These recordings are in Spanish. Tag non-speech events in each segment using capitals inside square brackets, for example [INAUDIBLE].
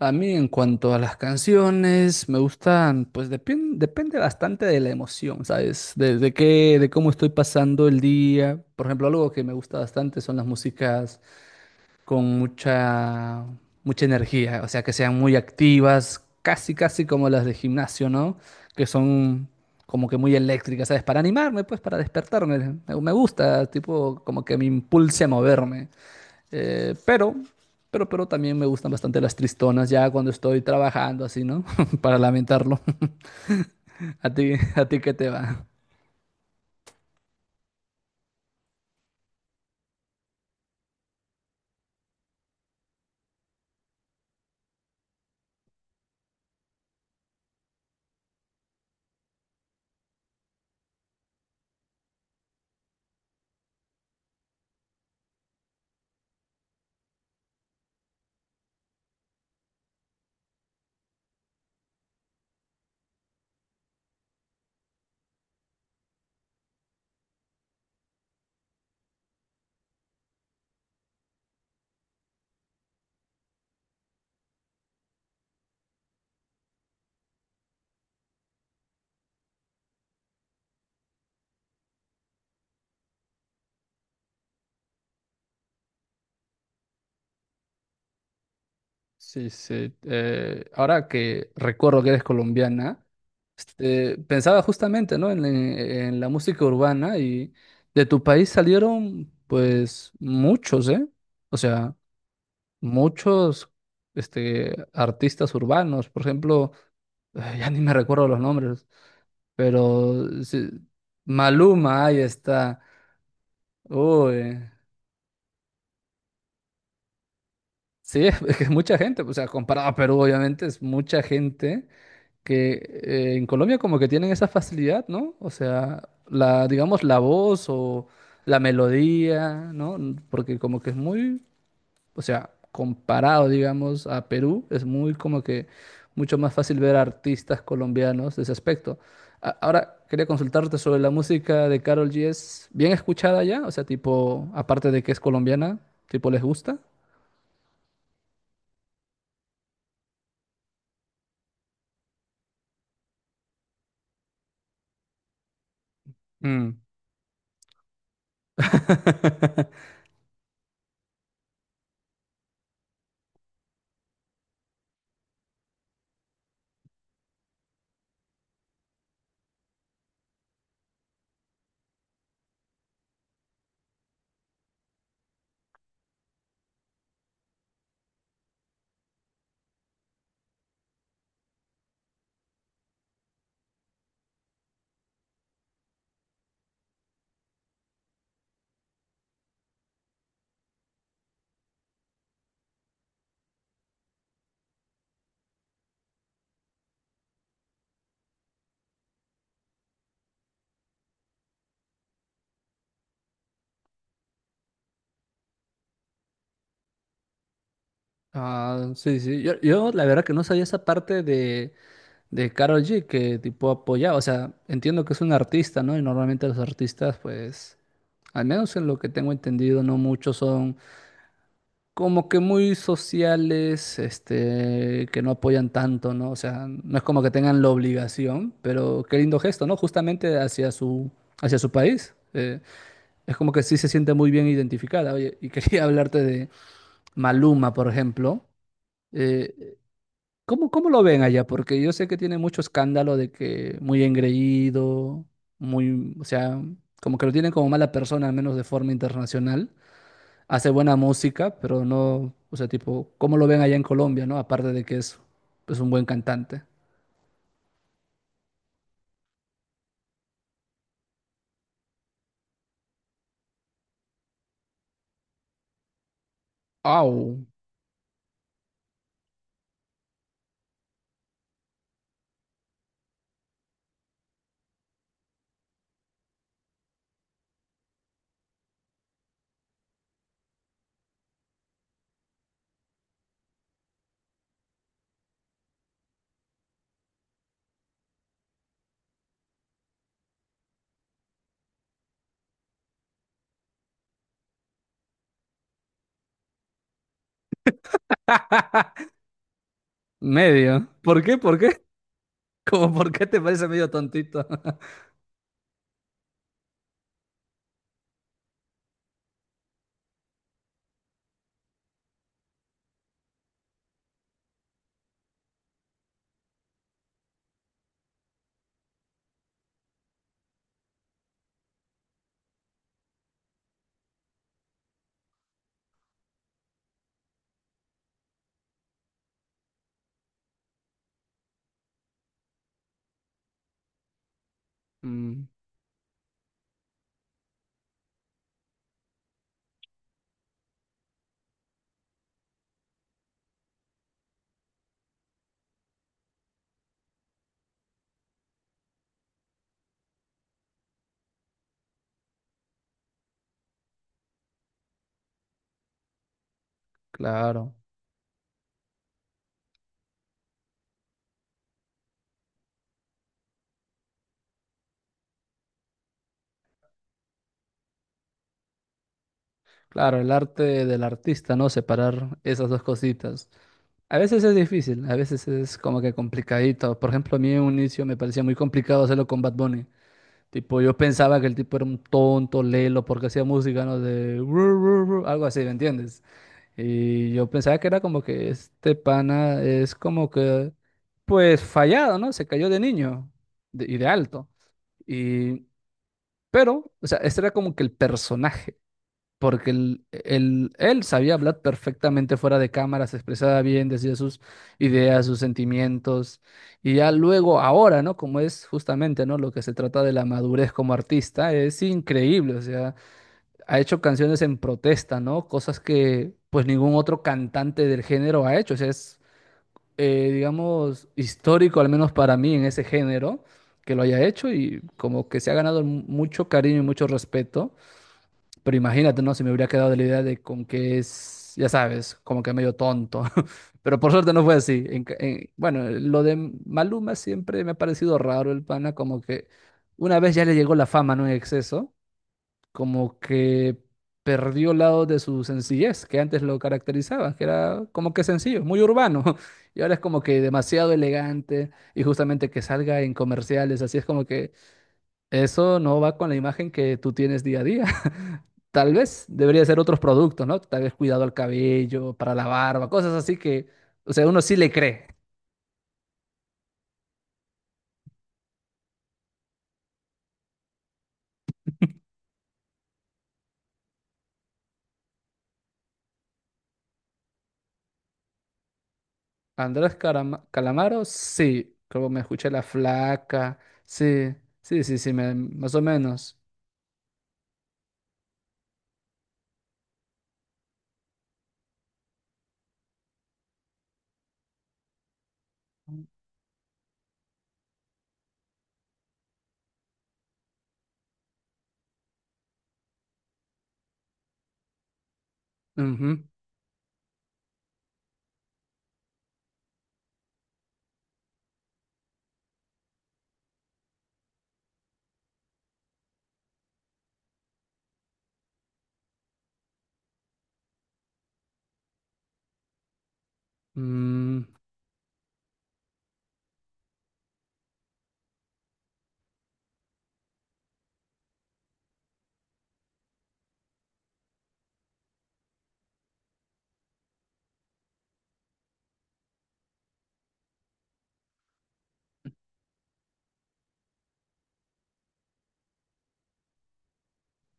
A mí en cuanto a las canciones, me gustan, pues depende bastante de la emoción, ¿sabes? De cómo estoy pasando el día. Por ejemplo, algo que me gusta bastante son las músicas con mucha energía, o sea, que sean muy activas, casi, casi como las de gimnasio, ¿no? Que son como que muy eléctricas, ¿sabes? Para animarme, pues, para despertarme. Me gusta, tipo, como que me impulse a moverme. Eh, pero, pero también me gustan bastante las tristonas, ya cuando estoy trabajando así, ¿no? [LAUGHS] Para lamentarlo. [LAUGHS] ¿A ti qué te va? Sí, sí. Ahora que recuerdo que eres colombiana, este, pensaba justamente, ¿no? En la música urbana y de tu país salieron, pues, muchos, ¿eh? O sea, muchos, este, artistas urbanos. Por ejemplo, ya ni me recuerdo los nombres. Pero sí, Maluma, ahí está. Uy, sí, [LAUGHS] es que es mucha gente. O sea, comparado a Perú, obviamente, es mucha gente que en Colombia como que tienen esa facilidad, ¿no? O sea, la, digamos, la voz o la melodía, ¿no? Porque como que es muy o sea, comparado, digamos, a Perú, es muy como que mucho más fácil ver artistas colombianos de ese aspecto. Ahora, quería consultarte sobre la música de Karol G. ¿Es bien escuchada ya? O sea, tipo, aparte de que es colombiana, tipo, ¿les gusta? Mm. Ah, sí, sí. Yo la verdad que no sabía esa parte de Karol G que tipo apoyaba. O sea, entiendo que es un artista, ¿no? Y normalmente los artistas, pues, al menos en lo que tengo entendido, no muchos son. Como que muy sociales, este, que no apoyan tanto, ¿no? O sea, no es como que tengan la obligación, pero qué lindo gesto, ¿no? Justamente hacia su país. Es como que sí se siente muy bien identificada. Oye, y [LAUGHS] quería hablarte de Maluma, por ejemplo. Eh, ¿Cómo, cómo lo ven allá? Porque yo sé que tiene mucho escándalo de que muy engreído, muy, o sea, como que lo tienen como mala persona, al menos de forma internacional hace buena música, pero no, o sea, tipo, ¿cómo lo ven allá en Colombia, no? Aparte de que es, pues, un buen cantante. ¡Au! [LAUGHS] Medio. ¿Por qué? ¿Por qué? [LAUGHS] ¿Cómo por qué te parece medio tontito? [LAUGHS] Mm, claro. Claro, el arte del artista, ¿no? Separar esas dos cositas. A veces es difícil, a veces es como que complicadito. Por ejemplo, a mí en un inicio me parecía muy complicado hacerlo con Bad Bunny. Tipo, yo pensaba que el tipo era un tonto, lelo, porque hacía música, ¿no? De ru, ru, ru, algo así, ¿me entiendes? Y yo pensaba que era como que este pana es como que, pues fallado, ¿no? Se cayó de niño y de alto. Y, pero, o sea, este era como que el personaje, porque él sabía hablar perfectamente fuera de cámara, se expresaba bien, decía sus ideas, sus sentimientos. Y ya luego, ahora, ¿no? Como es justamente, ¿no? Lo que se trata de la madurez como artista, es increíble, o sea ha hecho canciones en protesta, ¿no? Cosas que pues ningún otro cantante del género ha hecho. O sea, es, digamos, histórico, al menos para mí, en ese género, que lo haya hecho y como que se ha ganado mucho cariño y mucho respeto. Pero imagínate, ¿no? Si me hubiera quedado de la idea de con que es, ya sabes, como que medio tonto. [LAUGHS] Pero por suerte no fue así. Bueno, lo de Maluma siempre me ha parecido raro el pana, como que una vez ya le llegó la fama, ¿no? En exceso como que perdió lado de su sencillez que antes lo caracterizaban, que era como que sencillo, muy urbano, [LAUGHS] y ahora es como que demasiado elegante y justamente que salga en comerciales, así es como que eso no va con la imagen que tú tienes día a día. [LAUGHS] Tal vez debería ser otros productos, ¿no? Tal vez cuidado al cabello, para la barba, cosas así que, o sea, uno sí le cree. Calamaro, sí, como me escuché la flaca, sí, sí, sí, sí, más o menos. Ujú. Mm,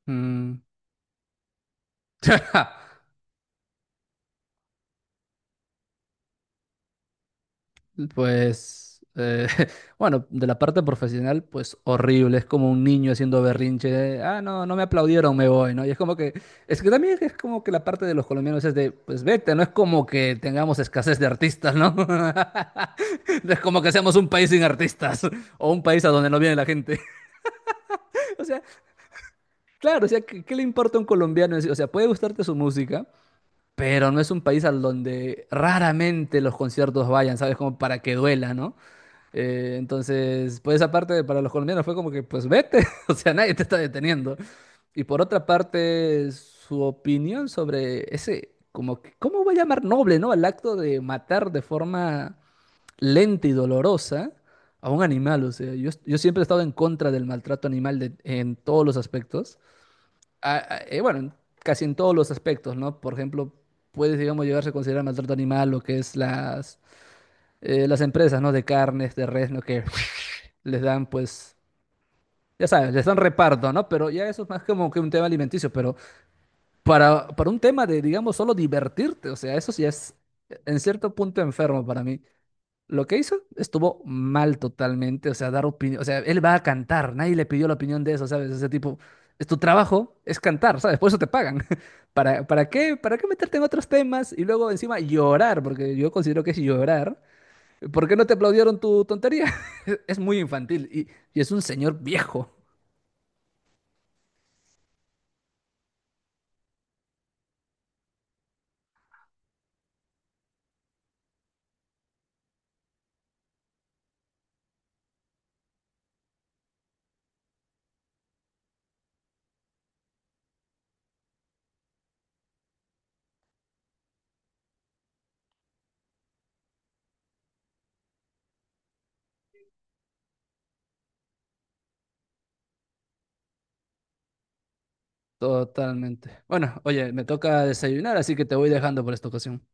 mm. [LAUGHS] Pues, [LAUGHS] bueno, de la parte profesional, pues horrible. Es como un niño haciendo berrinche. Ah, no, no me aplaudieron, me voy, ¿no? Y es como que, es que también es como que la parte de los colombianos es de, pues vete, no es como que tengamos escasez de artistas, ¿no? [LAUGHS] No es como que seamos un país sin artistas [LAUGHS] o un país a donde no viene la gente. [LAUGHS] O sea, claro, o sea, ¿qué, qué le importa a un colombiano? ¿En sí? O sea, puede gustarte su música, pero no es un país al donde raramente los conciertos vayan, ¿sabes? Como para que duela, ¿no? Entonces, por esa parte, para los colombianos fue como que, pues vete, [LAUGHS] o sea, nadie te está deteniendo. Y por otra parte, su opinión sobre ese, como, que- ¿cómo voy a llamar noble, ¿no? Al acto de matar de forma lenta y dolorosa a un animal, o sea, yo siempre he estado en contra del maltrato animal en todos los aspectos bueno, casi en todos los aspectos, ¿no? Por ejemplo, puede, digamos, llegarse a considerar maltrato animal lo que es las empresas, ¿no? De carnes, de res, ¿no? Que [LAUGHS] les dan, pues, ya sabes, les dan reparto, ¿no? Pero ya eso es más como que un tema alimenticio, pero para un tema de, digamos, solo divertirte, o sea, eso sí es en cierto punto enfermo para mí. Lo que hizo estuvo mal totalmente, o sea, dar opinión, o sea, él va a cantar, nadie le pidió la opinión de eso, ¿sabes? Ese tipo, es tu trabajo, es cantar, ¿sabes? Por eso te pagan. [LAUGHS] ¿Para qué meterte en otros temas y luego encima llorar? Porque yo considero que es llorar. ¿Por qué no te aplaudieron tu tontería? [LAUGHS] Es muy infantil y es un señor viejo. Totalmente. Bueno, oye, me toca desayunar, así que te voy dejando por esta ocasión.